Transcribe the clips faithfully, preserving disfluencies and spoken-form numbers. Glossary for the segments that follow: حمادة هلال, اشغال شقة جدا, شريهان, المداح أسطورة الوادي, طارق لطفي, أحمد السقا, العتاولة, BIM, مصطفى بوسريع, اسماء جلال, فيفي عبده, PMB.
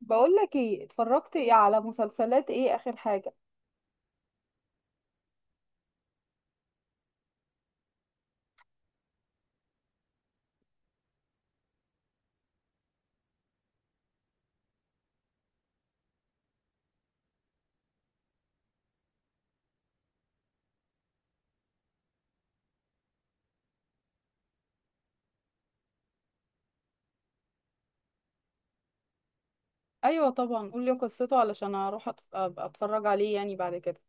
بقول لك ايه، اتفرجت ايه على مسلسلات، ايه اخر حاجة؟ ايوه طبعا، قول لي قصته علشان اروح أت- أبقى اتفرج عليه يعني بعد كده.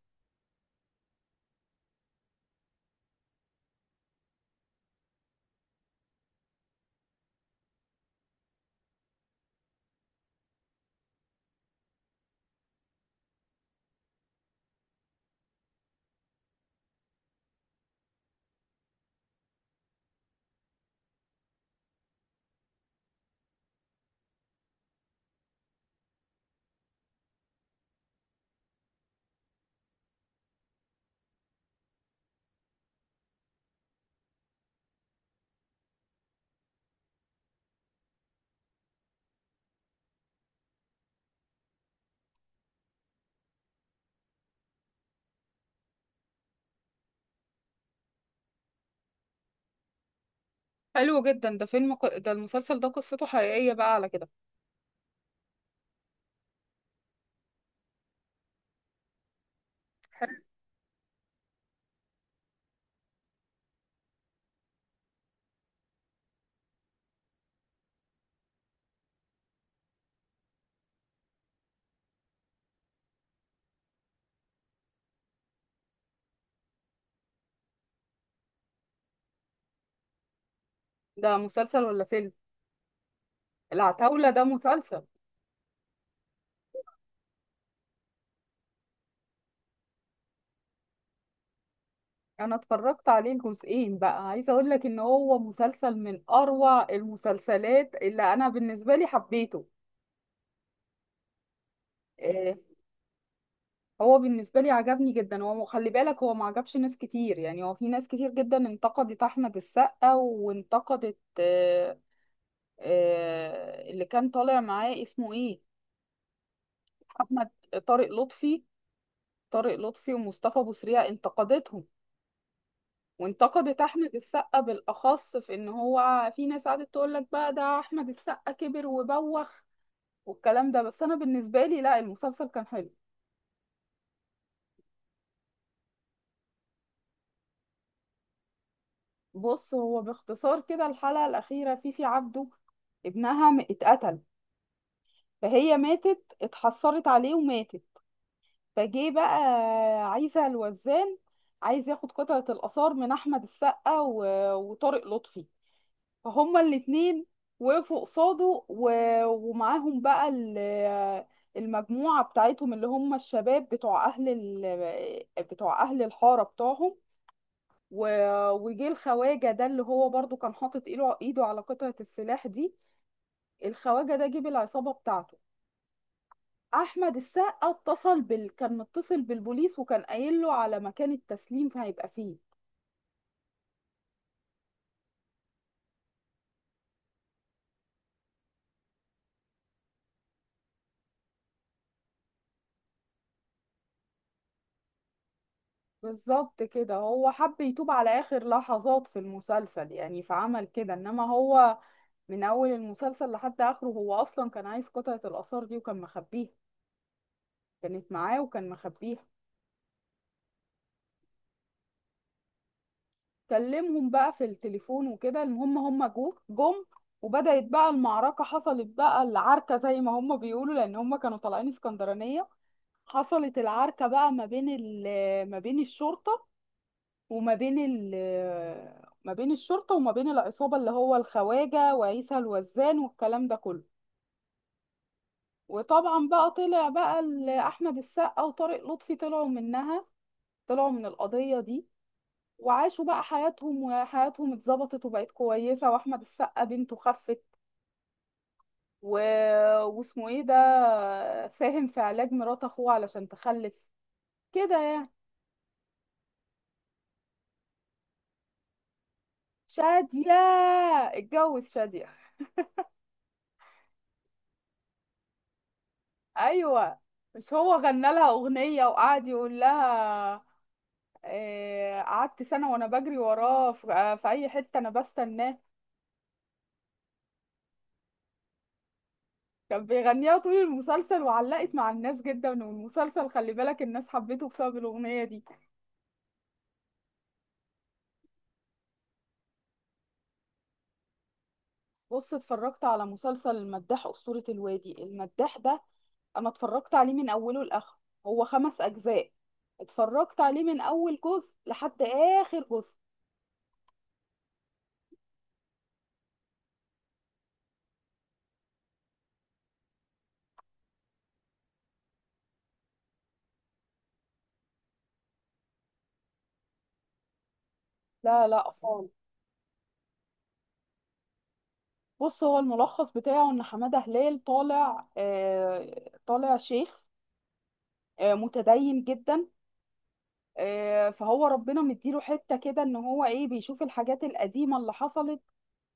حلو جدا. ده فيلم ق... ده المسلسل ده قصته حقيقية بقى على كده. حلو. ده مسلسل ولا فيلم؟ العتاولة ده مسلسل. انا اتفرجت عليه الجزئين، بقى عايزة اقول لك ان هو مسلسل من اروع المسلسلات اللي انا بالنسبة لي حبيته. آه، هو بالنسبة لي عجبني جدا. هو خلي بالك، هو ما عجبش ناس كتير، يعني هو في ناس كتير جدا انتقدت أحمد السقا، وانتقدت آه، آه، اللي كان طالع معاه اسمه ايه. أحمد طارق لطفي طارق لطفي ومصطفى بوسريع انتقدتهم. وانتقدت أحمد السقا بالأخص، في إن هو في ناس قعدت تقول لك بقى ده أحمد السقا كبر وبوخ والكلام ده. بس أنا بالنسبة لي لا، المسلسل كان حلو. بص، هو باختصار كده الحلقة الأخيرة فيفي عبده ابنها م- اتقتل، فهي ماتت، اتحسرت عليه وماتت. فجه بقى عايزة الوزان، عايز ياخد قطعة الآثار من أحمد السقا و- وطارق لطفي. فهما الاتنين وقفوا قصاده و- ومعاهم بقى ال- المجموعة بتاعتهم، اللي هم الشباب بتوع أهل ال... بتوع أهل الحارة بتوعهم. و- وجه الخواجة ده، اللي هو برضو كان حاطط ايده ايده على قطعة السلاح دي. الخواجة ده جه بالعصابة بتاعته. احمد السقا اتصل بال... كان متصل بالبوليس، وكان قايل له على مكان التسليم هيبقى فيه. بالظبط كده، هو حب يتوب على اخر لحظات في المسلسل يعني، فعمل كده. انما هو من اول المسلسل لحد اخره هو اصلا كان عايز قطعة الاثار دي وكان مخبيها، كانت معاه وكان مخبيها. كلمهم بقى في التليفون وكده. المهم هم هم جو جم، وبدأت بقى المعركة، حصلت بقى العركة زي ما هم بيقولوا، لأن هم كانوا طالعين اسكندرانية. حصلت العركة بقى ما بين ال ما بين الشرطة، وما بين ال ما بين الشرطة وما بين العصابة، اللي هو الخواجة وعيسى الوزان والكلام ده كله. وطبعا بقى طلع بقى ال- أحمد السقا وطارق لطفي طلعوا منها، طلعوا من القضية دي، وعاشوا بقى حياتهم، وحياتهم اتظبطت وبقت كويسة، واحمد السقا بنته خفت و... واسمه ايه ده، ساهم في علاج مرات اخوه علشان تخلف، كده يعني. شادية، اتجوز شادية. ايوه، مش هو غنى لها اغنية وقعد يقول لها، آه، قعدت سنة وانا بجري وراه في، آه، في اي حتة انا بستناه. كان بيغنيها طول المسلسل وعلقت مع الناس جدا، والمسلسل خلي بالك الناس حبيته بسبب الاغنية دي. بص، اتفرجت على مسلسل المداح أسطورة الوادي. المداح ده أنا اتفرجت عليه من أوله لآخره، هو خمس أجزاء. اتفرجت عليه من أول جزء لحد آخر جزء. لا لا خالص. بص، هو الملخص بتاعه إن حمادة هلال طالع، آه، طالع شيخ، آه، متدين جدا. آه، فهو ربنا مديله حتة كده، إن هو إيه، بيشوف الحاجات القديمة اللي حصلت،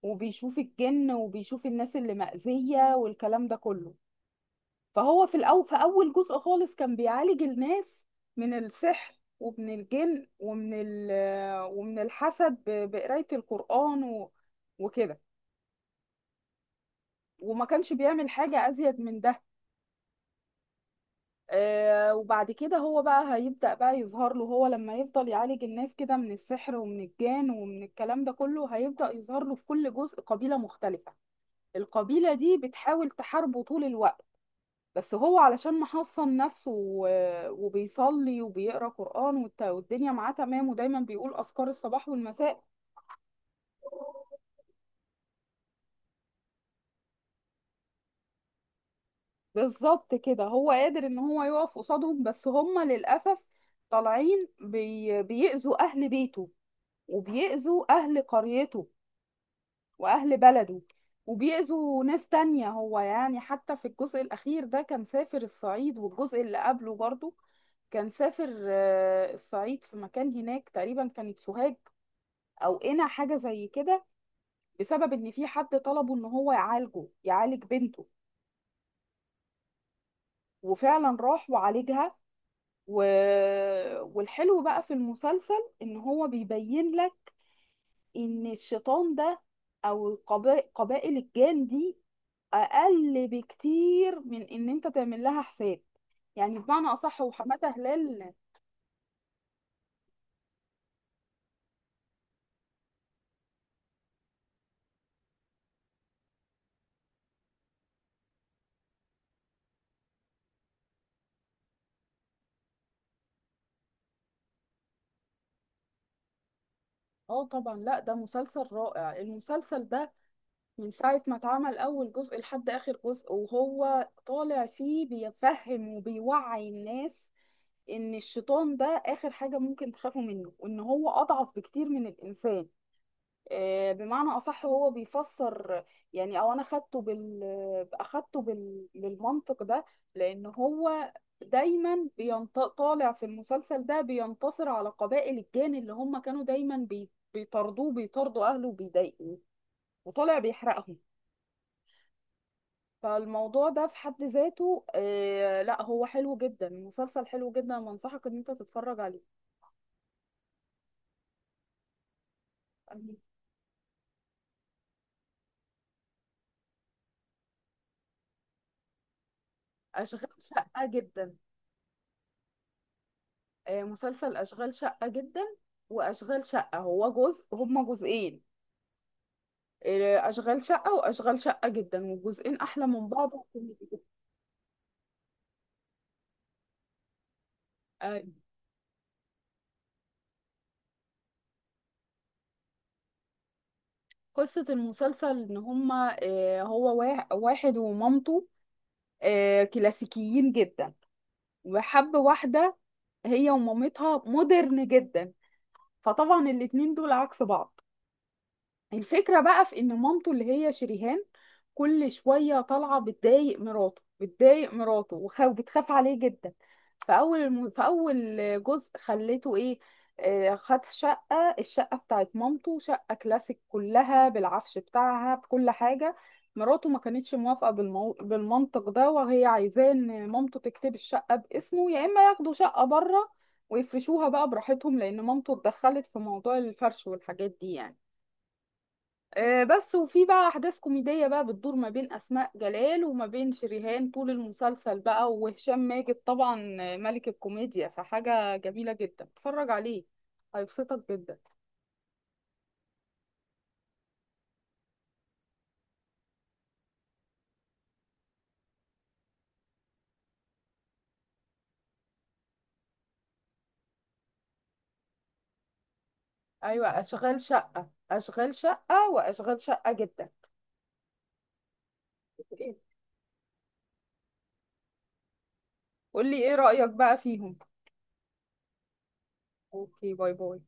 وبيشوف الجن وبيشوف الناس اللي مأذية والكلام ده كله. فهو في الأول، في أول جزء خالص، كان بيعالج الناس من السحر ومن الجن ومن ال ومن الحسد، ب- بقراية القرآن و- وكده، وما كانش بيعمل حاجة أزيد من ده. آه، وبعد كده هو بقى هيبدأ بقى يظهر له. هو لما يفضل يعالج الناس كده من السحر ومن الجان ومن الكلام ده كله، هيبدأ يظهر له في كل جزء قبيلة مختلفة، القبيلة دي بتحاول تحاربه طول الوقت. بس هو علشان محصن نفسه و- وبيصلي وبيقرا قرآن والت- والدنيا معاه تمام، ودايما بيقول أذكار الصباح والمساء. بالظبط كده، هو قادر ان هو يقف قصادهم. بس هم للأسف طالعين بي... بيأذوا أهل بيته، وبيأذوا أهل قريته وأهل بلده، وبيأذوا ناس تانية. هو يعني حتى في الجزء الأخير ده كان سافر الصعيد، والجزء اللي قبله برضو كان سافر، آه، الصعيد، في مكان هناك تقريبا كانت سوهاج اوقنا، حاجه زي كده. بسبب ان في حد طلبه ان هو يعالجه، يعالج بنته، وفعلا راح وعالجها. و... والحلو بقى في المسلسل ان هو بيبين لك ان الشيطان ده، او القبا- قبائل الجان دي، اقل بكتير من ان انت تعمل لها حساب، يعني بمعنى اصح. وحماده هلال، اه طبعا، لا ده مسلسل رائع. المسلسل ده من ساعة ما اتعمل أول جزء لحد آخر جزء وهو طالع فيه بيفهم وبيوعي الناس إن الشيطان ده آخر حاجة ممكن تخافوا منه، وإن هو أضعف بكتير من الإنسان. آه، بمعنى أصح، هو بيفسر يعني، أو أنا أخدته بال أخدته بال... بالمنطق ده. لأن هو دايما بينط... طالع في المسلسل ده، بينتصر على قبائل الجان اللي هم كانوا دايما بي... بيطاردوه، بيطاردوا أهله وبيضايقوه، وطالع بيحرقهم. فالموضوع ده في حد ذاته، آه لا، هو حلو جدا، المسلسل حلو جدا، وانصحك ان انت تتفرج عليه. اشغال شقة جدا. آه، مسلسل اشغال شقة جدا. واشغال شقة، هو جزء، هما جزئين. آه، اشغال شقة واشغال شقة جدا، والجزئين احلى من بعض وكوميدي جداً. آه، قصة المسلسل ان هما، آه هو وا- واحد ومامته، آه كلاسيكيين جدا، وحب واحدة هي ومامتها مودرن جدا. فطبعا الاتنين دول عكس بعض. الفكرة بقى في ان مامته اللي هي شريهان كل شوية طالعة بتضايق مراته بتضايق مراته وخ- وبتخاف عليه جدا. فأول الم... فأول جزء خليته ايه، آه، خد شقة، الشقة بتاعت مامته شقة كلاسيك، كلها بالعفش بتاعها بكل حاجة. مراته ما كانتش موافقة بالمو... بالمنطق ده، وهي عايزاه ان مامته تكتب الشقة باسمه، يا اما ياخدوا شقة بره ويفرشوها بقى براحتهم، لان مامته اتدخلت في موضوع الفرش والحاجات دي يعني. آه، بس. وفي بقى احداث كوميديه بقى بتدور ما بين اسماء جلال وما بين شريهان طول المسلسل بقى، وهشام ماجد طبعا، آه، ملك الكوميديا، فحاجه جميله جدا، اتفرج عليه هيبسطك جدا. ايوه، اشغال شقه، اشغال شقه واشغال شقه جدا. قولي ايه رايك بقى فيهم. اوكي، باي باي.